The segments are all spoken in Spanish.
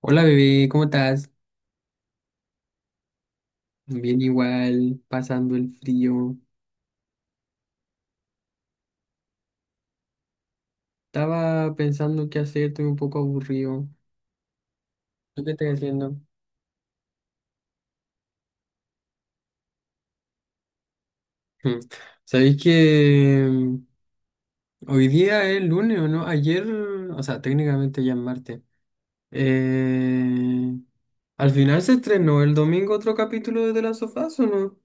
Hola bebé, ¿cómo estás? Bien igual, pasando el frío. Estaba pensando qué hacer, estoy un poco aburrido. ¿Tú qué estás haciendo? Hmm. ¿Sabéis que hoy día es lunes o no? Ayer, o sea, técnicamente ya es martes. Eh, al final se estrenó el domingo otro capítulo de The Last of Us, ¿o no?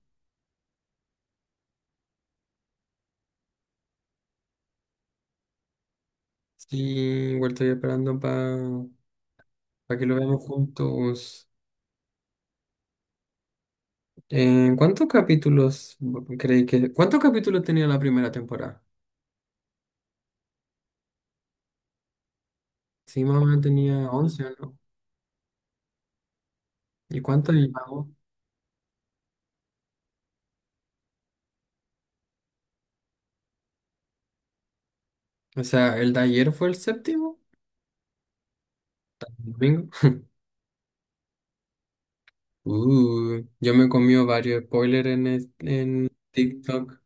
Sí, igual estoy esperando para que lo veamos juntos. ¿Cuántos capítulos creéis que... ¿Cuántos capítulos tenía la primera temporada? Sí, más o menos tenía 11, ¿no? ¿Y cuánto le pagó? O sea, el de ayer fue el séptimo, el domingo. Yo me he comido varios spoilers en, en TikTok.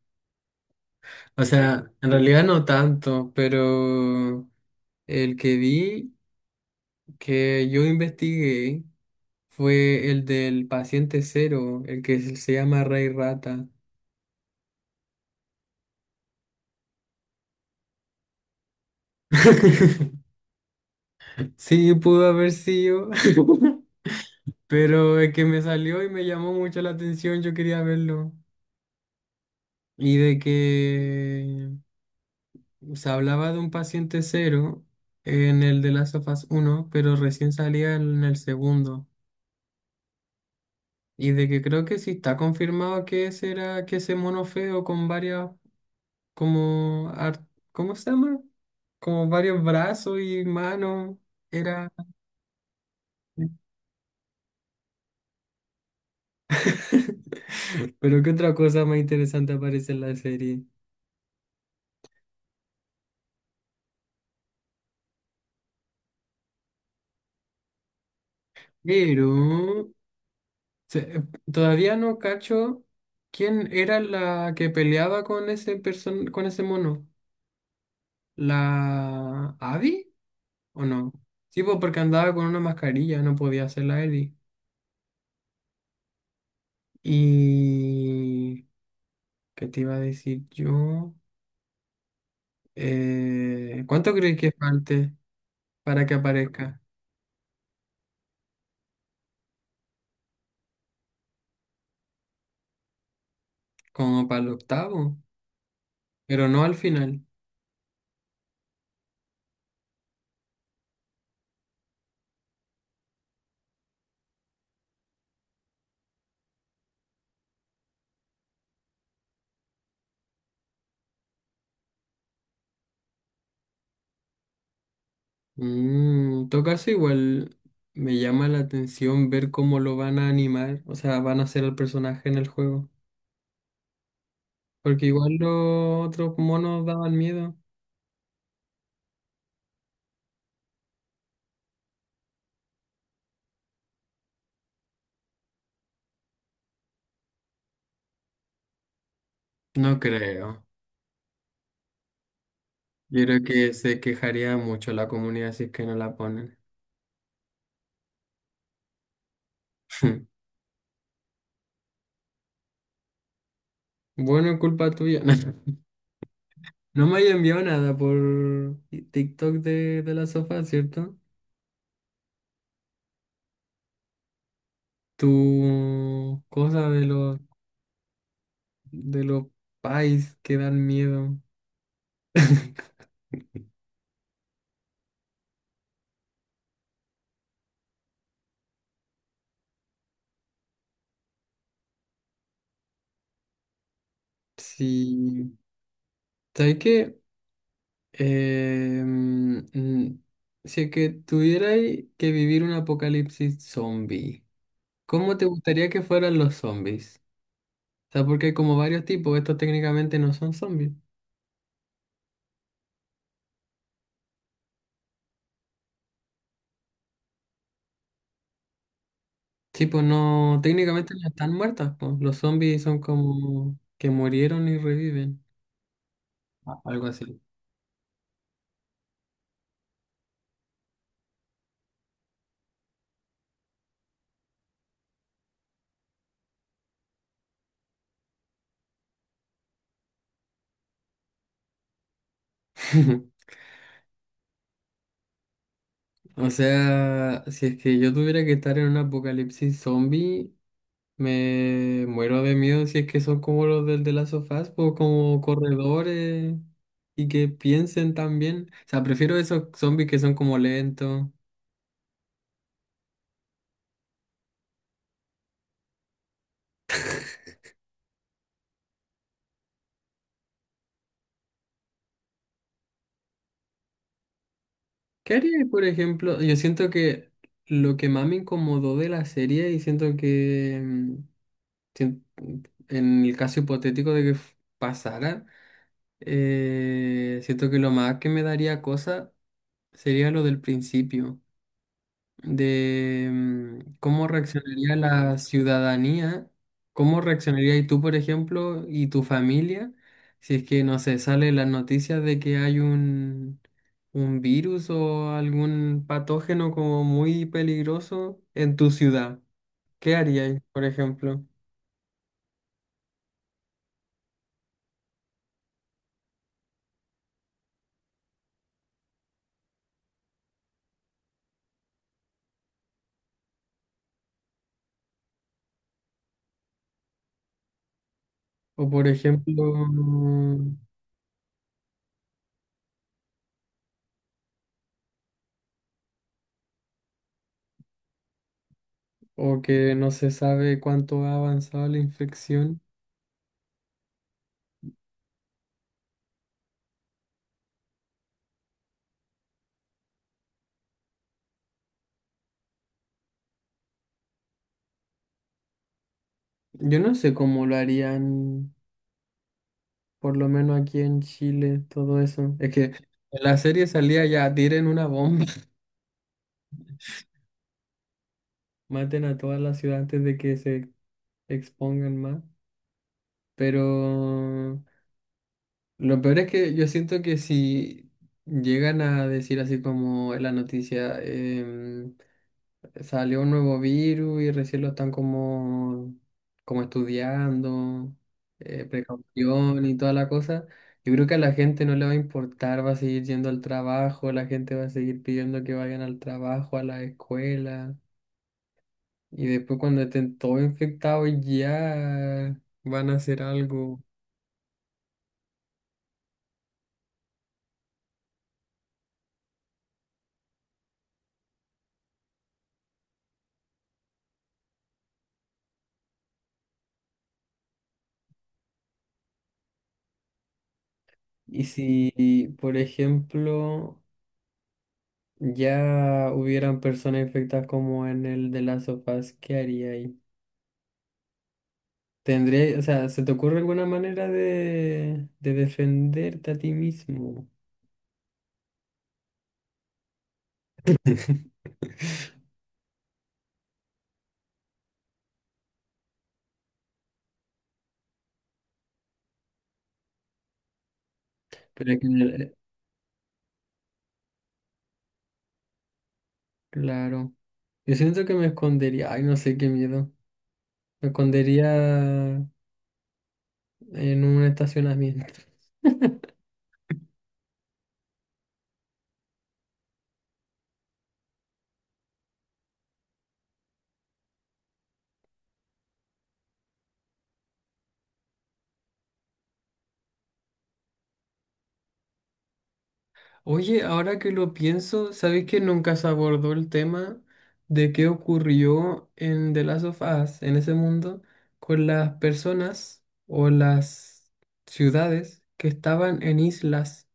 O sea, en realidad no tanto, pero el que vi, que yo investigué, fue el del paciente cero, el que se llama Rey Rata. Sí, pudo haber sido, pero es que me salió y me llamó mucho la atención, yo quería verlo. Y de que se hablaba de un paciente cero en el de Last of Us 1, pero recién salía en el segundo. Y de que creo que sí está confirmado que ese era, que ese mono feo con varias, como, ¿cómo se llama? Como varios brazos y manos, era... Pero qué otra cosa más interesante aparece en la serie. Pero Se- eh, todavía no cacho quién era la que peleaba con ese person con ese mono. ¿La Abby? ¿O no? Sí, pues porque andaba con una mascarilla, no podía ser la Ellie. Y... ¿Qué te iba a decir yo? ¿Cuánto crees que falte para que aparezca? Como para el octavo, pero no al final. En todo caso, igual me llama la atención ver cómo lo van a animar, o sea, van a hacer al personaje en el juego. Porque igual los otros monos daban miedo. No creo. Yo creo que se quejaría mucho la comunidad si es que no la ponen. Bueno, culpa tuya. No me haya enviado nada por TikTok de la sofá, ¿cierto? Tu cosa de los pais que dan miedo. Sí. ¿Sabes qué? Eh, mm, mm, si es que tuvierais que vivir un apocalipsis zombie, ¿cómo te gustaría que fueran los zombies? O sea, porque hay como varios tipos, estos técnicamente no son zombies. Sí, pues no, técnicamente no están muertas, pues. Los zombies son como que murieron y reviven, algo así. O sea, si es que yo tuviera que estar en un apocalipsis zombie, me muero de miedo si es que son como los del de las sofás, pues como corredores y que piensen también. O sea, prefiero esos zombies que son como lentos. ¿Qué haría, por ejemplo? Yo siento que lo que más me incomodó de la serie y siento que sien- en el caso hipotético de que pasara, siento que lo más que me daría cosa sería lo del principio. De cómo reaccionaría la ciudadanía, cómo reaccionarías tú, por ejemplo, y tu familia, si es que, no sé, sale las noticias de que hay un virus o algún patógeno como muy peligroso en tu ciudad. ¿Qué harías, por ejemplo? O, por ejemplo, o que no se sabe cuánto ha avanzado la infección. Yo no sé cómo lo harían por lo menos aquí en Chile, todo eso. Es que en la serie salía ya, tiren una bomba, maten a toda la ciudad antes de que se expongan más. Pero lo peor es que yo siento que si llegan a decir así como en la noticia, salió un nuevo virus y recién lo están como, como estudiando, precaución y toda la cosa. Yo creo que a la gente no le va a importar, va a seguir yendo al trabajo, la gente va a seguir pidiendo que vayan al trabajo, a la escuela. Y después cuando estén todos infectados ya van a hacer algo. Y si, por ejemplo, ya hubieran personas infectadas como en el de las sofás, ¿qué haría ahí? Tendría, o sea, ¿se te ocurre alguna manera de defenderte a ti mismo? Pero es que, claro, yo siento que me escondería, ay, no sé qué miedo, me escondería en un estacionamiento. Oye, ahora que lo pienso, ¿sabes que nunca se abordó el tema de qué ocurrió en The Last of Us, en ese mundo, con las personas o las ciudades que estaban en islas?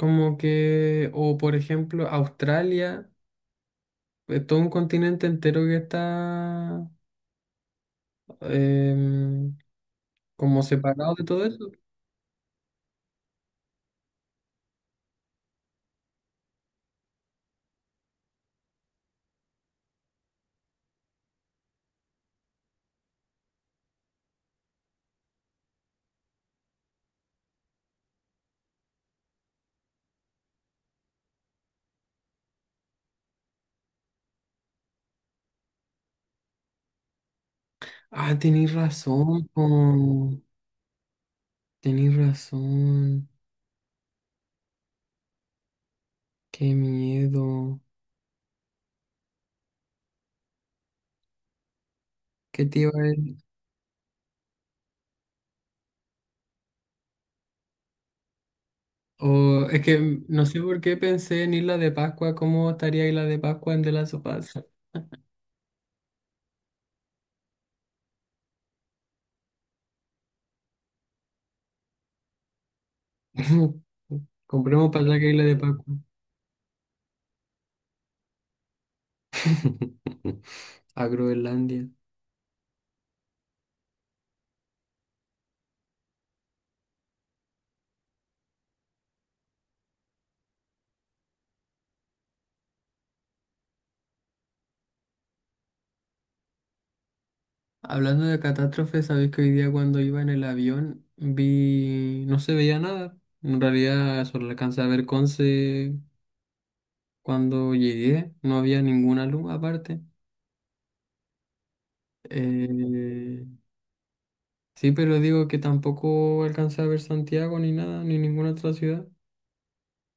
Como que, o por ejemplo, Australia, es todo un continente entero que está em, como separado de todo eso. Ah, tenéis razón, po, tenéis razón. Qué miedo. ¿Qué te iba a decir? O, es que no sé por qué pensé en Isla de Pascua, ¿cómo estaría Isla de Pascua en De Last of Us? Compremos para allá que Isla de Pascua. A Groenlandia. Hablando de catástrofes, sabéis que hoy día cuando iba en el avión vi, no se veía nada. En realidad solo alcancé a ver Conce cuando llegué, no había ninguna luz aparte. Eh, sí, pero digo que tampoco alcancé a ver Santiago ni nada, ni ninguna otra ciudad,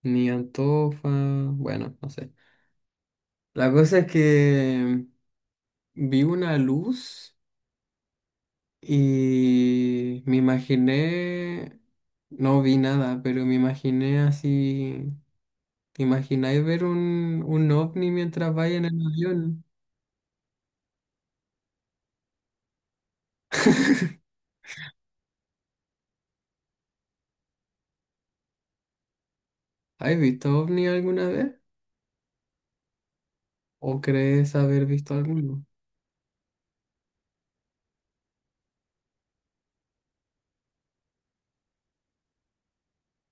ni Antofa, bueno, no sé. La cosa es que vi una luz y me imaginé, no vi nada, pero me imaginé así. ¿Te imagináis ver un ovni mientras vais en el avión? ¿Has visto ovni alguna vez? ¿O crees haber visto alguno?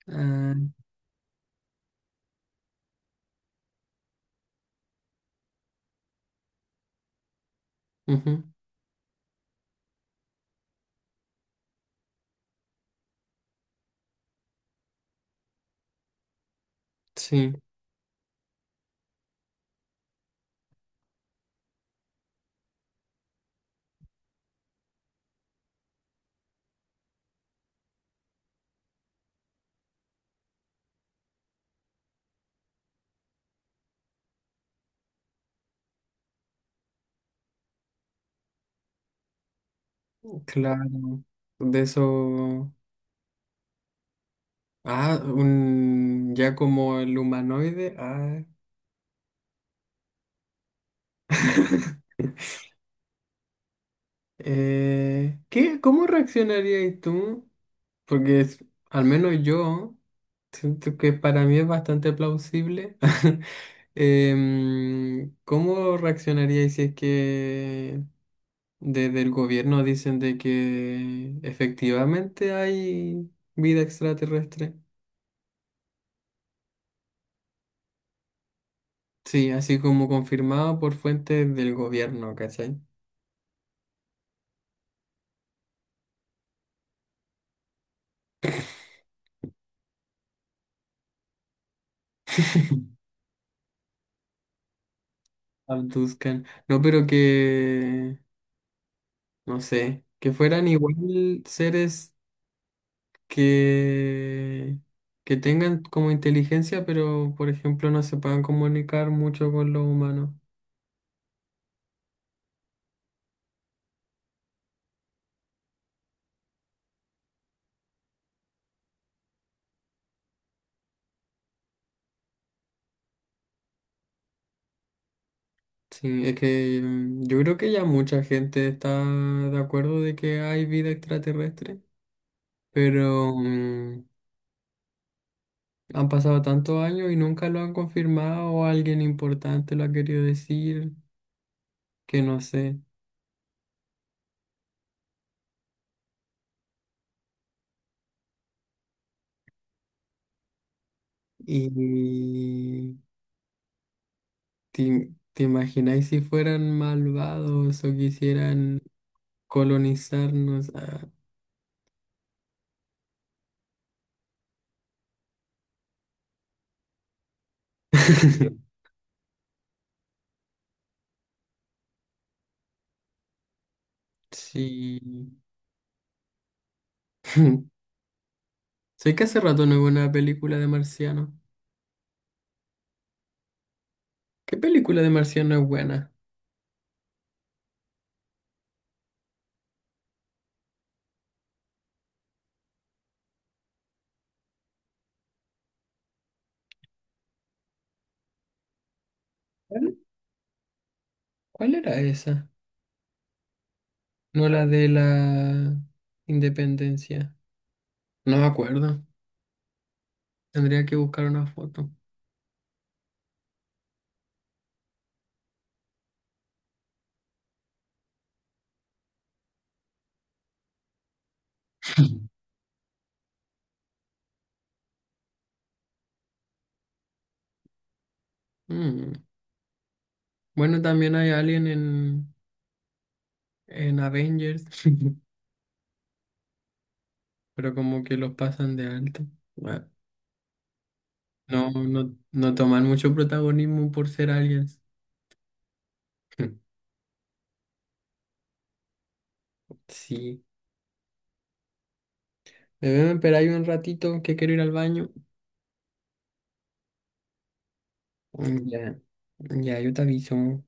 Ah, ujú, sí, claro. De eso. Ah, un... ya como el humanoide. Ah. ¿Qué? ¿Cómo reaccionarías tú? Porque al menos yo siento que para mí es bastante plausible. ¿Cómo reaccionaríais si es que desde el gobierno dicen de que efectivamente hay vida extraterrestre? Sí, así como confirmado por fuentes del gobierno, ¿cachai? Abduzcan. No, pero que, no sé, que fueran igual seres que, que tengan como inteligencia, pero por ejemplo no se puedan comunicar mucho con los humanos. Sí, es que yo creo que ya mucha gente está de acuerdo de que hay vida extraterrestre, pero han pasado tantos años y nunca lo han confirmado o alguien importante lo ha querido decir, que no sé. Y te imagináis si fueran malvados o quisieran colonizarnos. Ah. Sí. Sé que hace rato no veo una película de marciano. ¿Qué película de marciano es buena? ¿Cuál cuál era esa? No la de la independencia. No me acuerdo. Tendría que buscar una foto. Mm. Bueno, también hay alien en Avengers, pero como que los pasan de alto. Bueno, no, no, no toman mucho protagonismo por ser aliens. Sí. Debemos esperar ahí un ratito que quiero ir al baño. Mm, ya, ya, yo te aviso.